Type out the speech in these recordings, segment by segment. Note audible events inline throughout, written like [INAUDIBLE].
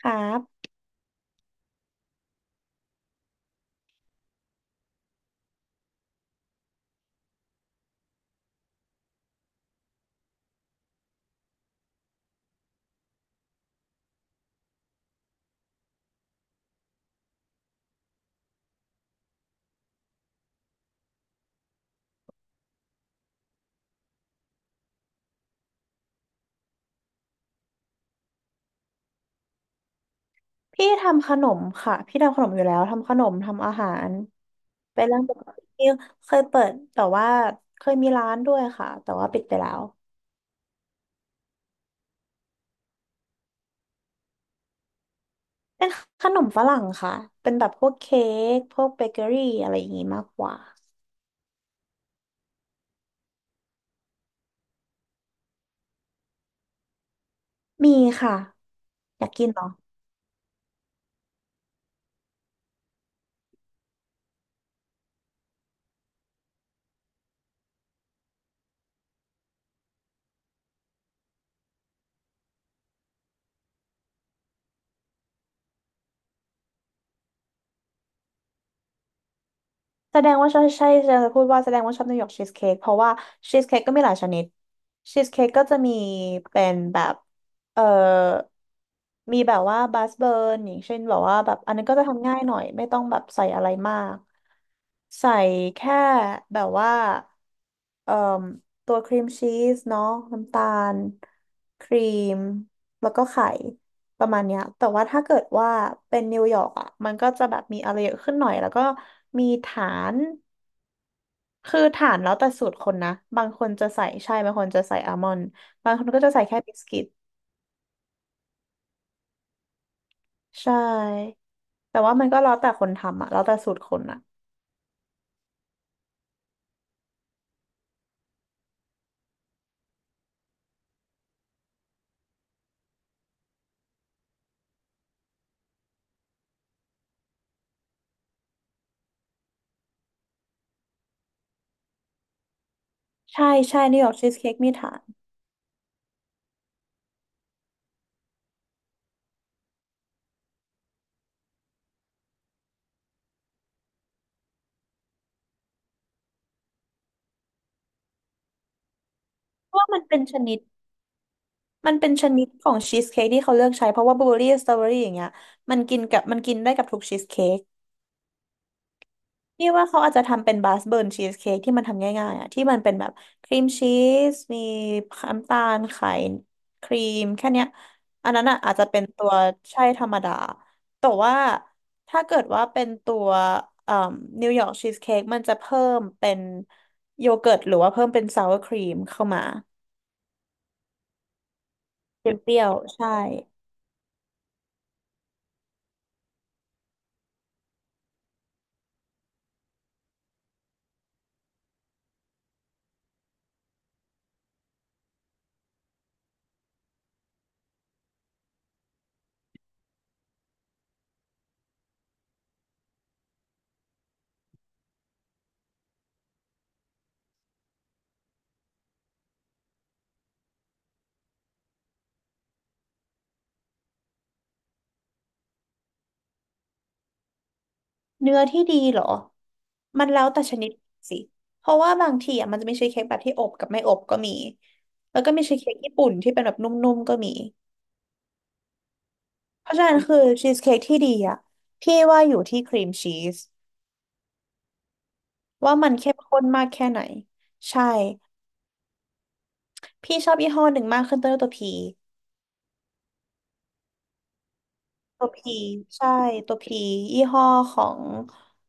ครับพี่ทำขนมค่ะพี่ทำขนมอยู่แล้วทำขนมทำอาหารเป็นเรื่องปกติที่เคยเปิดแต่ว่าเคยมีร้านด้วยค่ะแต่ว่าปิดไปแล้วเป็นขนมฝรั่งค่ะเป็นแบบพวกเค้กพวกเบเกอรี่อะไรอย่างงี้มากกว่ามีค่ะอยากกินเหรอ แสดงว่าใช่ใช่จะพูดว่าแสดงว่าชอบนิวยอร์กชีสเค้กเพราะว่าชีสเค้กก็มีหลายชนิดชีสเค้กก็จะมีเป็นแบบเอ่อมีแบบว่าบัสเบิร์นอย่างเช่นแบบว่าแบบอันนั้นก็จะทำง่ายหน่อยไม่ต้องแบบใส่อะไรมากใส่แค่แบบว่าเอ่อตัวครีมชีสเนาะน้ำตาลครีมแล้วก็ไข่ ประมาณเนี้ยแต่ว่าถ้าเกิดว่าเป็นนิวยอร์กอ่ะมันก็จะแบบมีอะไรเยอะขึ้นหน่อย แล้วก็มีฐาน คือฐานแล้วแต่สูตรคนนะบางคนจะใส่ใช่บางคนจะใส่อัลมอนด์บางคนก็จะใส่แค่บิสกิตใช่แต่ว่ามันก็แล้วแต่คนทำอ่ะแล้วแต่สูตรคนอ่ะใช่ใช่นิวยอร์กชีสเค้กมีฐานเพราะว่ามันเป็นชนิดมันเป็นชนิดของชีสเค้กที่เขาเลือกใช้เพราะว่าบลูเบอร์รี่สตรอเบอรี่อย่างเงี้ยมันกินกับมันกินได้กับทุกชีสเค้ก นี่ว่าเขาอาจจะทำเป็นบาสเบิร์นชีสเค้กที่มันทำง่ายๆอ่ะที่มันเป็นแบบครีมชีสมีน้ำตาลไข่ครีมแค่เนี้ยอันนั้นอ่ะอาจจะเป็นตัวใช่ธรรมดาแต่ว่าถ้าเกิดว่าเป็นตัวเอ่อนิวยอร์กชีสเค้กมันจะเพิ่มเป็นโยเกิร์ตหรือว่าเพิ่มเป็นซาวร์ครีมเข้ามาเปรี้ยวๆใช่ เนื้อที่ดีเหรอมันแล้วแต่ชนิดสิเพราะว่าบางทีอ่ะมันจะมีชีสเค้กแบบที่อบกับไม่อบก็มีแล้วก็มีชีสเค้กญี่ปุ่นที่เป็นแบบนุ่มๆก็มีเพราะฉะนั้นคือชีสเค้กที่ดีอ่ะพี่ว่าอยู่ที่ครีมชีสว่ามันเข้มข้นมากแค่ไหนใช่พี่ชอบยี่ห้อหนึ่งมากขึ้นต้นด้วยตัวพีตัวพีใช่ตัวพียี่ห้อของ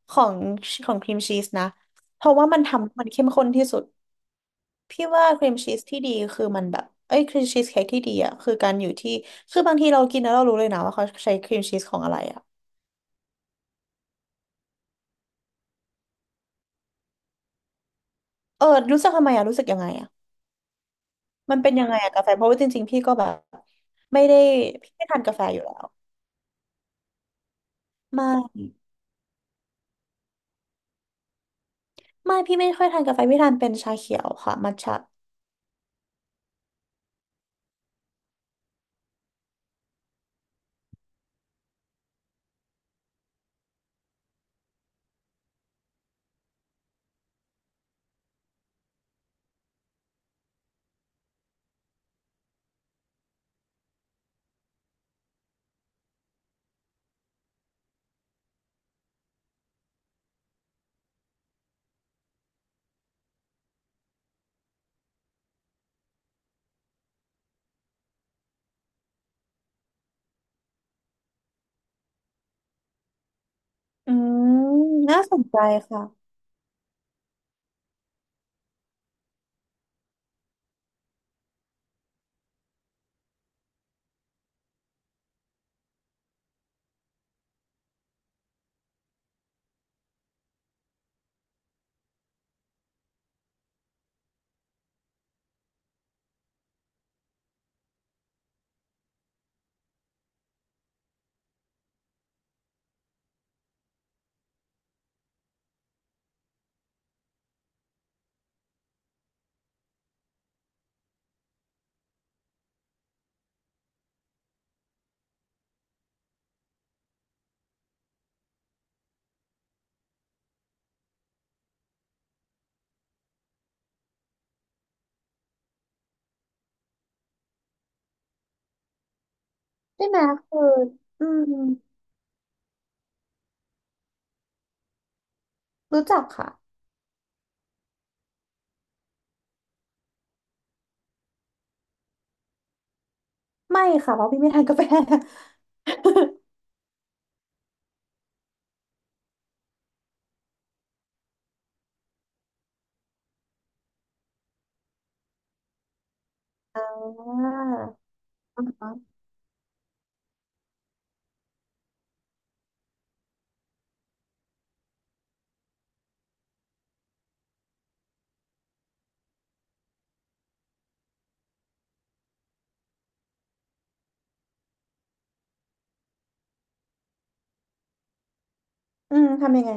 ของของครีมชีสนะเพราะว่ามันทำให้มันเข้มข้นที่สุด พี่ว่าครีมชีสที่ดีคือมันแบบเอ้ยครีมชีสเค้กที่ดีอ่ะคือการอยู่ที่คือบางทีเรากินแล้วเรารู้เลยนะว่าเขาใช้ครีมชีสของอะไรอ่ะเออรู้สึกทำไมอ่ะรู้สึกยังไงอ่ะมันเป็นยังไงอ่ะกาแฟเพราะว่าจริงๆพี่ก็แบบไม่ได้พี่ไม่ทานกาแฟอยู่แล้วไม่ไม่พี่ไม่ค่อยทานกาแฟพี่ทานเป็นชาเขียวค่ะมัทฉะอืมน่าสนใจค่ะใช่ไหมคืออืมรู้จักค่ะไม่ค่ะเพราะพี่ไม่ทานกาแฟ [LAUGHS] อ่าอืมทำยังไง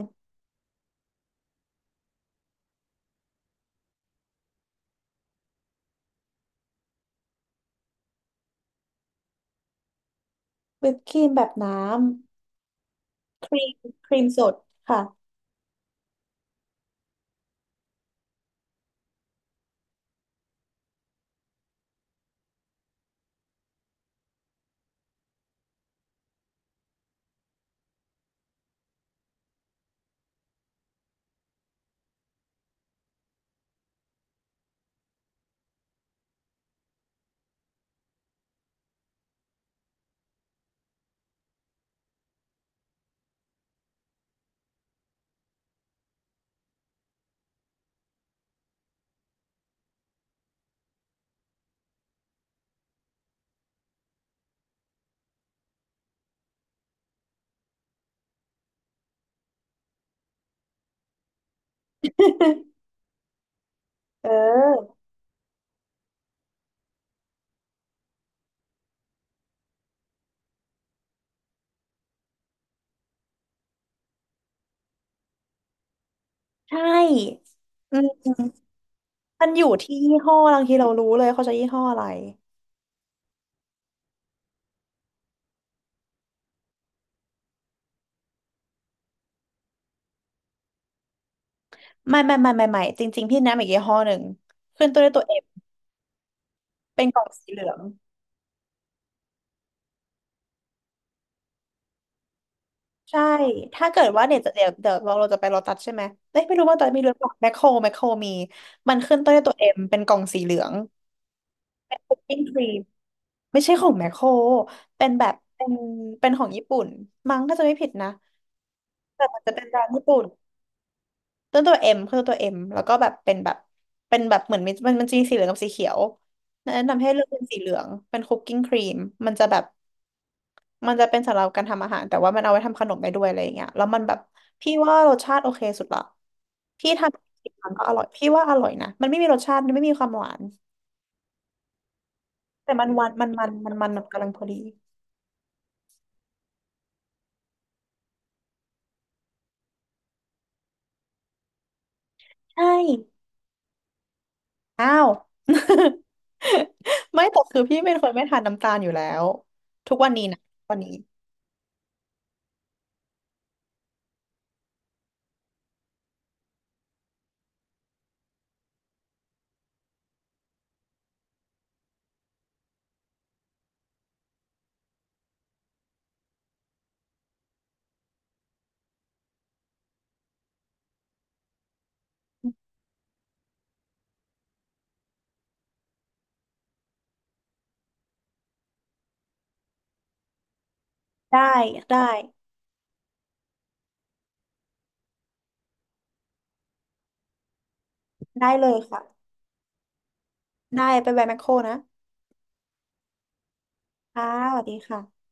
วิปครีมแบบน้ำครีมครีมสดค่ะ [LAUGHS] เออใช่อืมมันอยู่ที่ยี่ห้อบางทีเรารู้เลยเขาจะยี่ห้ออะไรไม่ไม่ไม่ไม่ไม่จริงๆพี่แนะนำอีกยี่ห้อหนึ่งขึ้นตัวด้วยตัวเอฟเป็นกล่องสีเหลืองใช่ถ้าเกิดว่าเนี่ยจะเดี๋ยวเราจะไปโลตัสใช่ไหมเอ้ยไม่รู้ว่าตอนนี้มีหรือเปล่าแมคโครแมคโครมีมันขึ้นต้นด้วยตัวเอ็มเป็นกล่องสีเหลืองเป็นคุกกิ้งครีมไม่ใช่ของแมคโครเป็นแบบเป็นเป็นของญี่ปุ่นมั้งถ้าจะไม่ผิดนะ แต่มันจะเป็นร้านญี่ปุ่นต้นตัวเอ็มคือตัวเอ็มแล้วก็แบบเป็นแบบเป็นแบบเหมือนมันจะมีสีเหลืองกับสีเขียวแนะนำให้เลือกเป็นสีเหลืองเป็นคุกกิ้งครีมมันจะแบบมันจะเป็นสำหรับการทำอาหารแต่ว่ามันเอาไว้ทำขนมได้ด้วยอะไรอย่างเงี้ยแล้วมันแบบพี่ว่ารสชาติโอเคสุดละพี่ทำกี่ครั้งก็อร่อยพี่ว่าอร่อยนะมันไม่มีรสชาติมันไม่มีความหวานแต่มันหวานมันกำลังพอดีใช่อ้าว [LAUGHS] ไม่แต่คือพี่เป็นคนไม่ทานน้ำตาลอยู่แล้วทุกวันนี้นะวันนี้ ได้ได้ได้เลยค่ะได้ไปแวะแมคโครนะค่ะสวัสดีค่ะ